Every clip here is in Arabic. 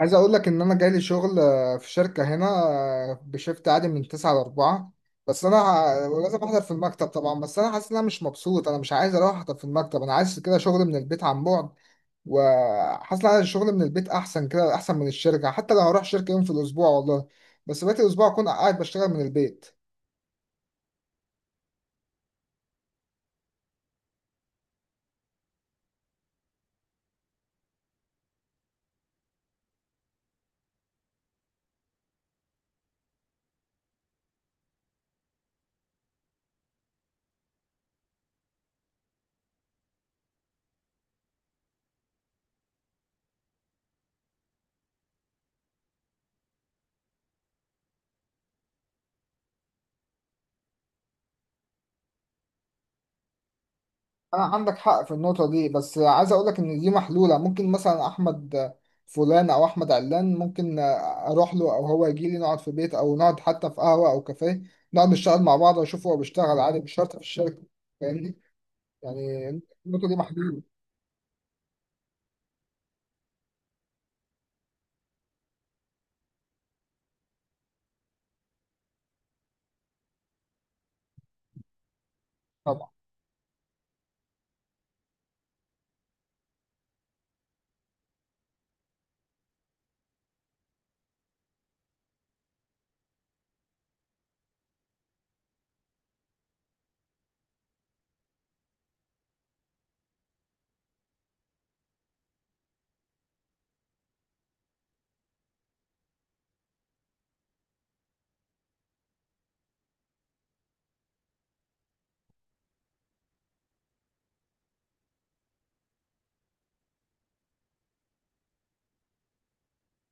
عايز اقول لك ان انا جالي شغل في شركه هنا بشيفت عادي من 9 ل 4. بس انا لازم احضر في المكتب طبعا. بس انا حاسس ان انا مش مبسوط، انا مش عايز اروح احضر في المكتب، انا عايز كده شغل من البيت عن بعد. وحاسس ان أنا الشغل من البيت احسن كده، احسن من الشركه حتى لو هروح شركه يوم في الاسبوع والله. بس بقيت الاسبوع اكون قاعد بشتغل من البيت. انا عندك حق في النقطه دي، بس عايز اقول لك ان دي محلوله. ممكن مثلا احمد فلان او احمد علان، ممكن اروح له او هو يجي لي، نقعد في بيت او نقعد حتى في قهوه او كافيه، نقعد نشتغل مع بعض، واشوف هو بيشتغل عادي، مش شرط في الشركه. فاهمني؟ يعني النقطه دي محلوله. طبعا.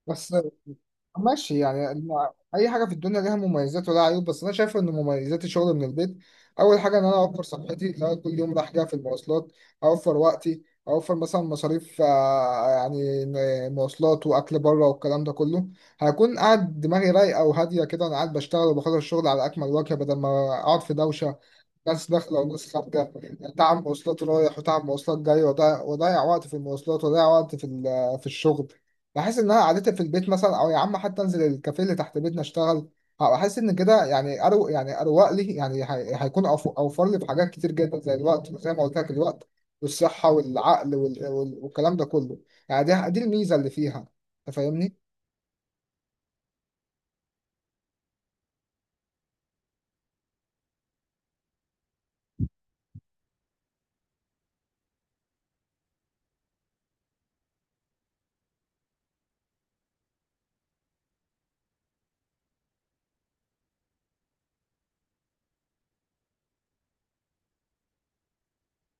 بس ماشي، يعني اي حاجه في الدنيا ليها مميزات ولها عيوب. بس انا شايف ان مميزات الشغل من البيت، اول حاجه ان انا اوفر صحتي لو أنا كل يوم رايح جاي في المواصلات. اوفر وقتي، اوفر مثلا مصاريف، يعني مواصلات واكل بره والكلام ده كله. هكون قاعد دماغي رايقه وهاديه كده، انا قاعد بشتغل وبخلص الشغل على اكمل وجه بدل ما اقعد في دوشه، ناس داخلة وناس خارجة، تعب مواصلات رايح وتعب مواصلات جاي، وضيع وقت في المواصلات، وضيع وقت في الشغل. بحس إن أنا قعدتي في البيت مثلا، أو يا عم حتى أنزل الكافيه اللي تحت بيتنا أشتغل. أحس إن كده يعني، أروق لي، يعني هيكون أوفر لي في حاجات كتير جدا، زي الوقت، زي ما قلت لك الوقت والصحة والعقل والكلام ده كله. يعني دي الميزة اللي فيها. أنت فاهمني؟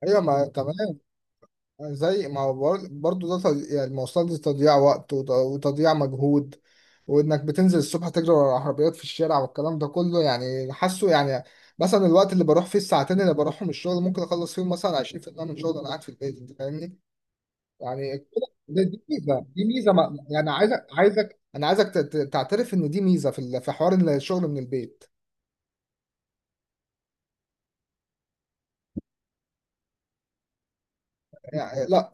أيوة، ما تمام. زي ما هو برضو ده تضييع، يعني المواصلات دي تضييع وقت وتضييع مجهود. وانك بتنزل الصبح تجري ورا العربيات في الشارع والكلام ده كله، يعني حاسه يعني. مثلا الوقت اللي بروح فيه، الساعتين اللي بروحهم الشغل، ممكن اخلص فيهم مثلا 20% من شغل انا قاعد في البيت. انت فاهمني؟ يعني دي ميزه، ما يعني عايزك عايزك انا عايزك تعترف ان دي ميزه في حوار إن الشغل من البيت. يعني لا.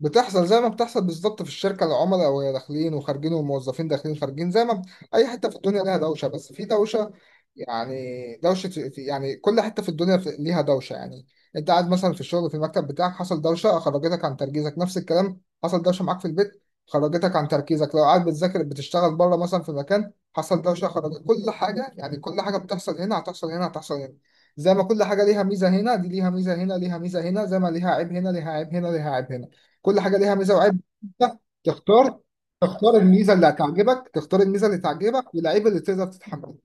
بتحصل زي ما بتحصل بالظبط في الشركه، العملاء وهي داخلين وخارجين، والموظفين داخلين خارجين، زي ما بت- اي حته في الدنيا لها دوشه، بس في دوشه يعني. دوشه، يعني كل حته في الدنيا ليها دوشه يعني. انت قاعد مثلا في الشغل في المكتب بتاعك، حصل دوشه خرجتك عن تركيزك. نفس الكلام حصل دوشه معاك في البيت، خرجتك عن تركيزك. لو قاعد بتذاكر بتشتغل بره مثلا في مكان، حصل دوشه خرجت كل حاجه. يعني كل حاجه بتحصل هنا هتحصل هنا، هتحصل هنا. زي ما كل حاجه ليها ميزه هنا، دي ليها ميزه هنا، ليها ميزه هنا، زي ما ليها عيب هنا، ليها عيب هنا، ليها عيب هنا. كل حاجه ليها ميزه وعيب. أنت تختار تختار الميزه اللي هتعجبك، تختار الميزه اللي تعجبك والعيب اللي تقدر تتحمله.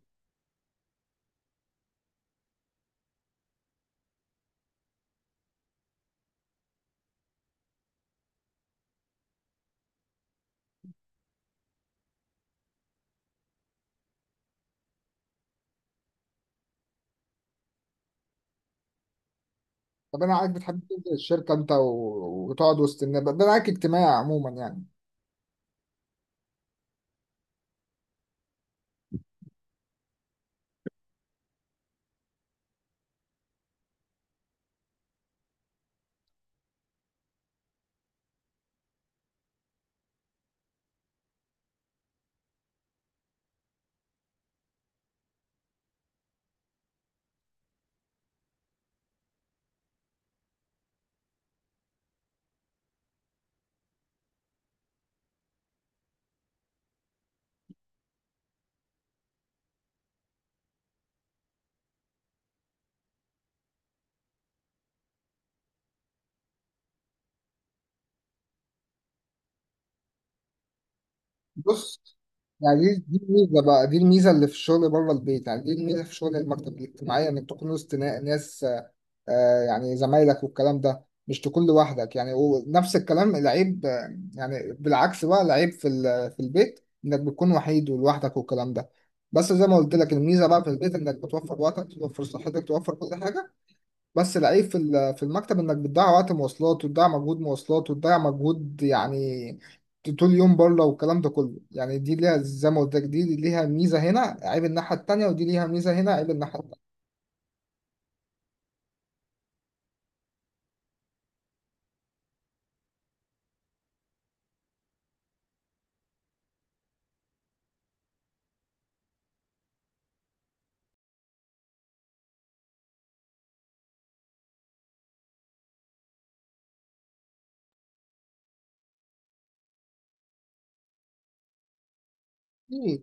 طب انا عارف بتحب تنزل الشركه انت و... وتقعد وسط الناس، ده معاك اجتماعي عموما يعني. بص. يعني دي الميزه بقى، دي الميزه اللي في الشغل بره البيت، يعني دي الميزه في شغل المكتب، الاجتماعيه انك تكون وسط ناس، يعني زمايلك والكلام ده، مش تكون لوحدك يعني. ونفس الكلام العيب، يعني بالعكس بقى العيب في البيت، انك بتكون وحيد ولوحدك والكلام ده. بس زي ما قلت لك، الميزه بقى في البيت انك بتوفر وقتك، توفر صحتك، توفر كل حاجه. بس العيب في المكتب انك بتضيع وقت مواصلات، وتضيع مجهود مواصلات، وتضيع مجهود يعني طول اليوم بره والكلام ده كله. يعني دي ليها زي ما قلت لك، دي ليها ميزه هنا، عيب الناحيه التانيه، ودي ليها ميزه هنا، عيب الناحيه التانيه. في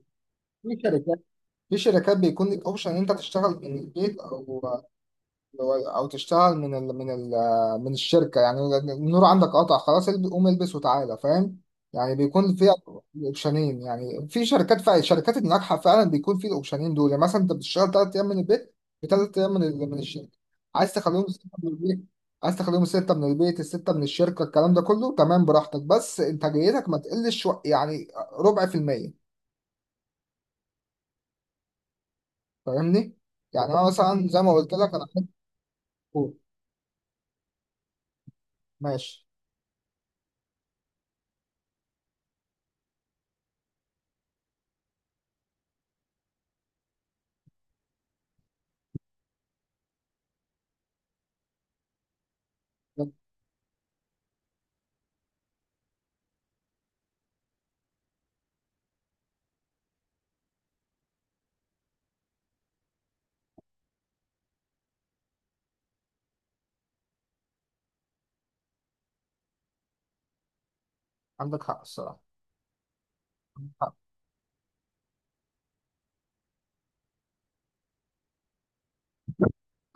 في شركات في شركات بيكون لك اوبشن ان انت تشتغل من البيت، او تشتغل من الشركه يعني. النور عندك قطع خلاص، قوم البس وتعالى. فاهم؟ يعني بيكون فيها اوبشنين. يعني في شركات فعلا، الشركات الناجحه فعلا بيكون في الاوبشنين دول، يعني مثلا انت بتشتغل 3 ايام من البيت، وثلاث ايام من الشركه. عايز تخليهم سته من البيت. عايز تخليهم سته من البيت، السته من الشركه، الكلام ده كله تمام براحتك، بس انتاجيتك ما تقلش يعني ربع في الميه. فاهمني؟ يعني انا مثلا زي ما قلت لك. أوه. ماشي. عندك حق الصراحة. عندك حق.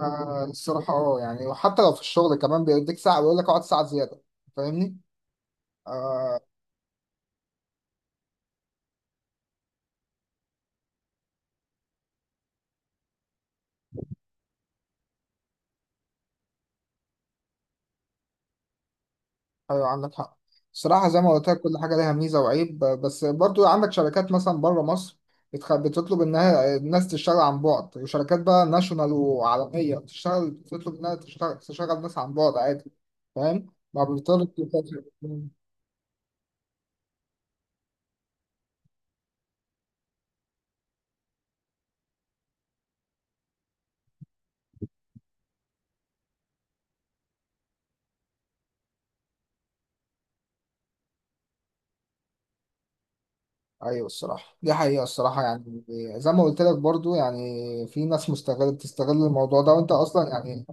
آه، الصراحة اه، يعني وحتى لو في الشغل كمان بيديك ساعة بيقول لك اقعد ساعة زيادة. فاهمني؟ آه. ايوه عندك حق. الصراحة زي ما قلت لك كل حاجة ليها ميزة وعيب، بس برضو عندك شركات مثلا بره مصر، بتطلب انها الناس تشتغل عن بعد، وشركات بقى ناشونال وعالمية بتشتغل، بتطلب انها تشتغل، تشغل ناس عن بعد عادي. فاهم؟ ما بيضطرش. ايوه الصراحه دي حقيقه، الصراحه يعني. زي ما قلت لك برضو، يعني في ناس مستغل بتستغل الموضوع ده. وانت اصلا يعني،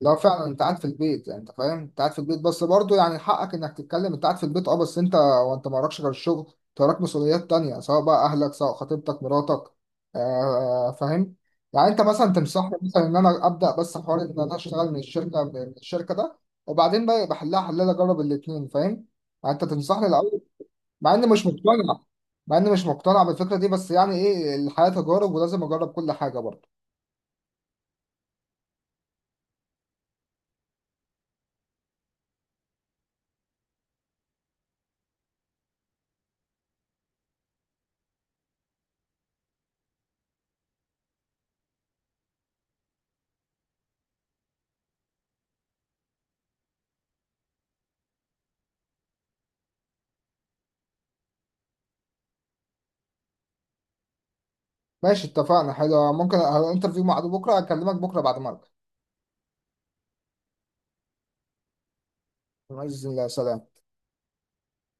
لو فعلا انت قاعد في البيت يعني، انت فاهم انت قاعد في البيت، بس برضو يعني حقك انك تتكلم. انت قاعد في البيت اه، بس انت وانت ما وراكش غير الشغل، انت وراك مسؤوليات تانية، سواء بقى اهلك، سواء خطيبتك، مراتك. آه فاهم. يعني انت مثلا تنصحني مثلا ان انا ابدا بس حوار ان انا اشتغل من الشركه ده، وبعدين بقى بحلها حلال اجرب الاثنين. فاهم؟ يعني انت تنصحني الاول. مع اني مش مقتنع. مع اني مش مقتنع بالفكره دي، بس يعني ايه، الحياه تجارب ولازم اجرب كل حاجه برضه. ماشي اتفقنا. حلو، ممكن انترفيو مع عدو بكره، اكلمك بكره بعد ما ارجع. باذن الله. سلام.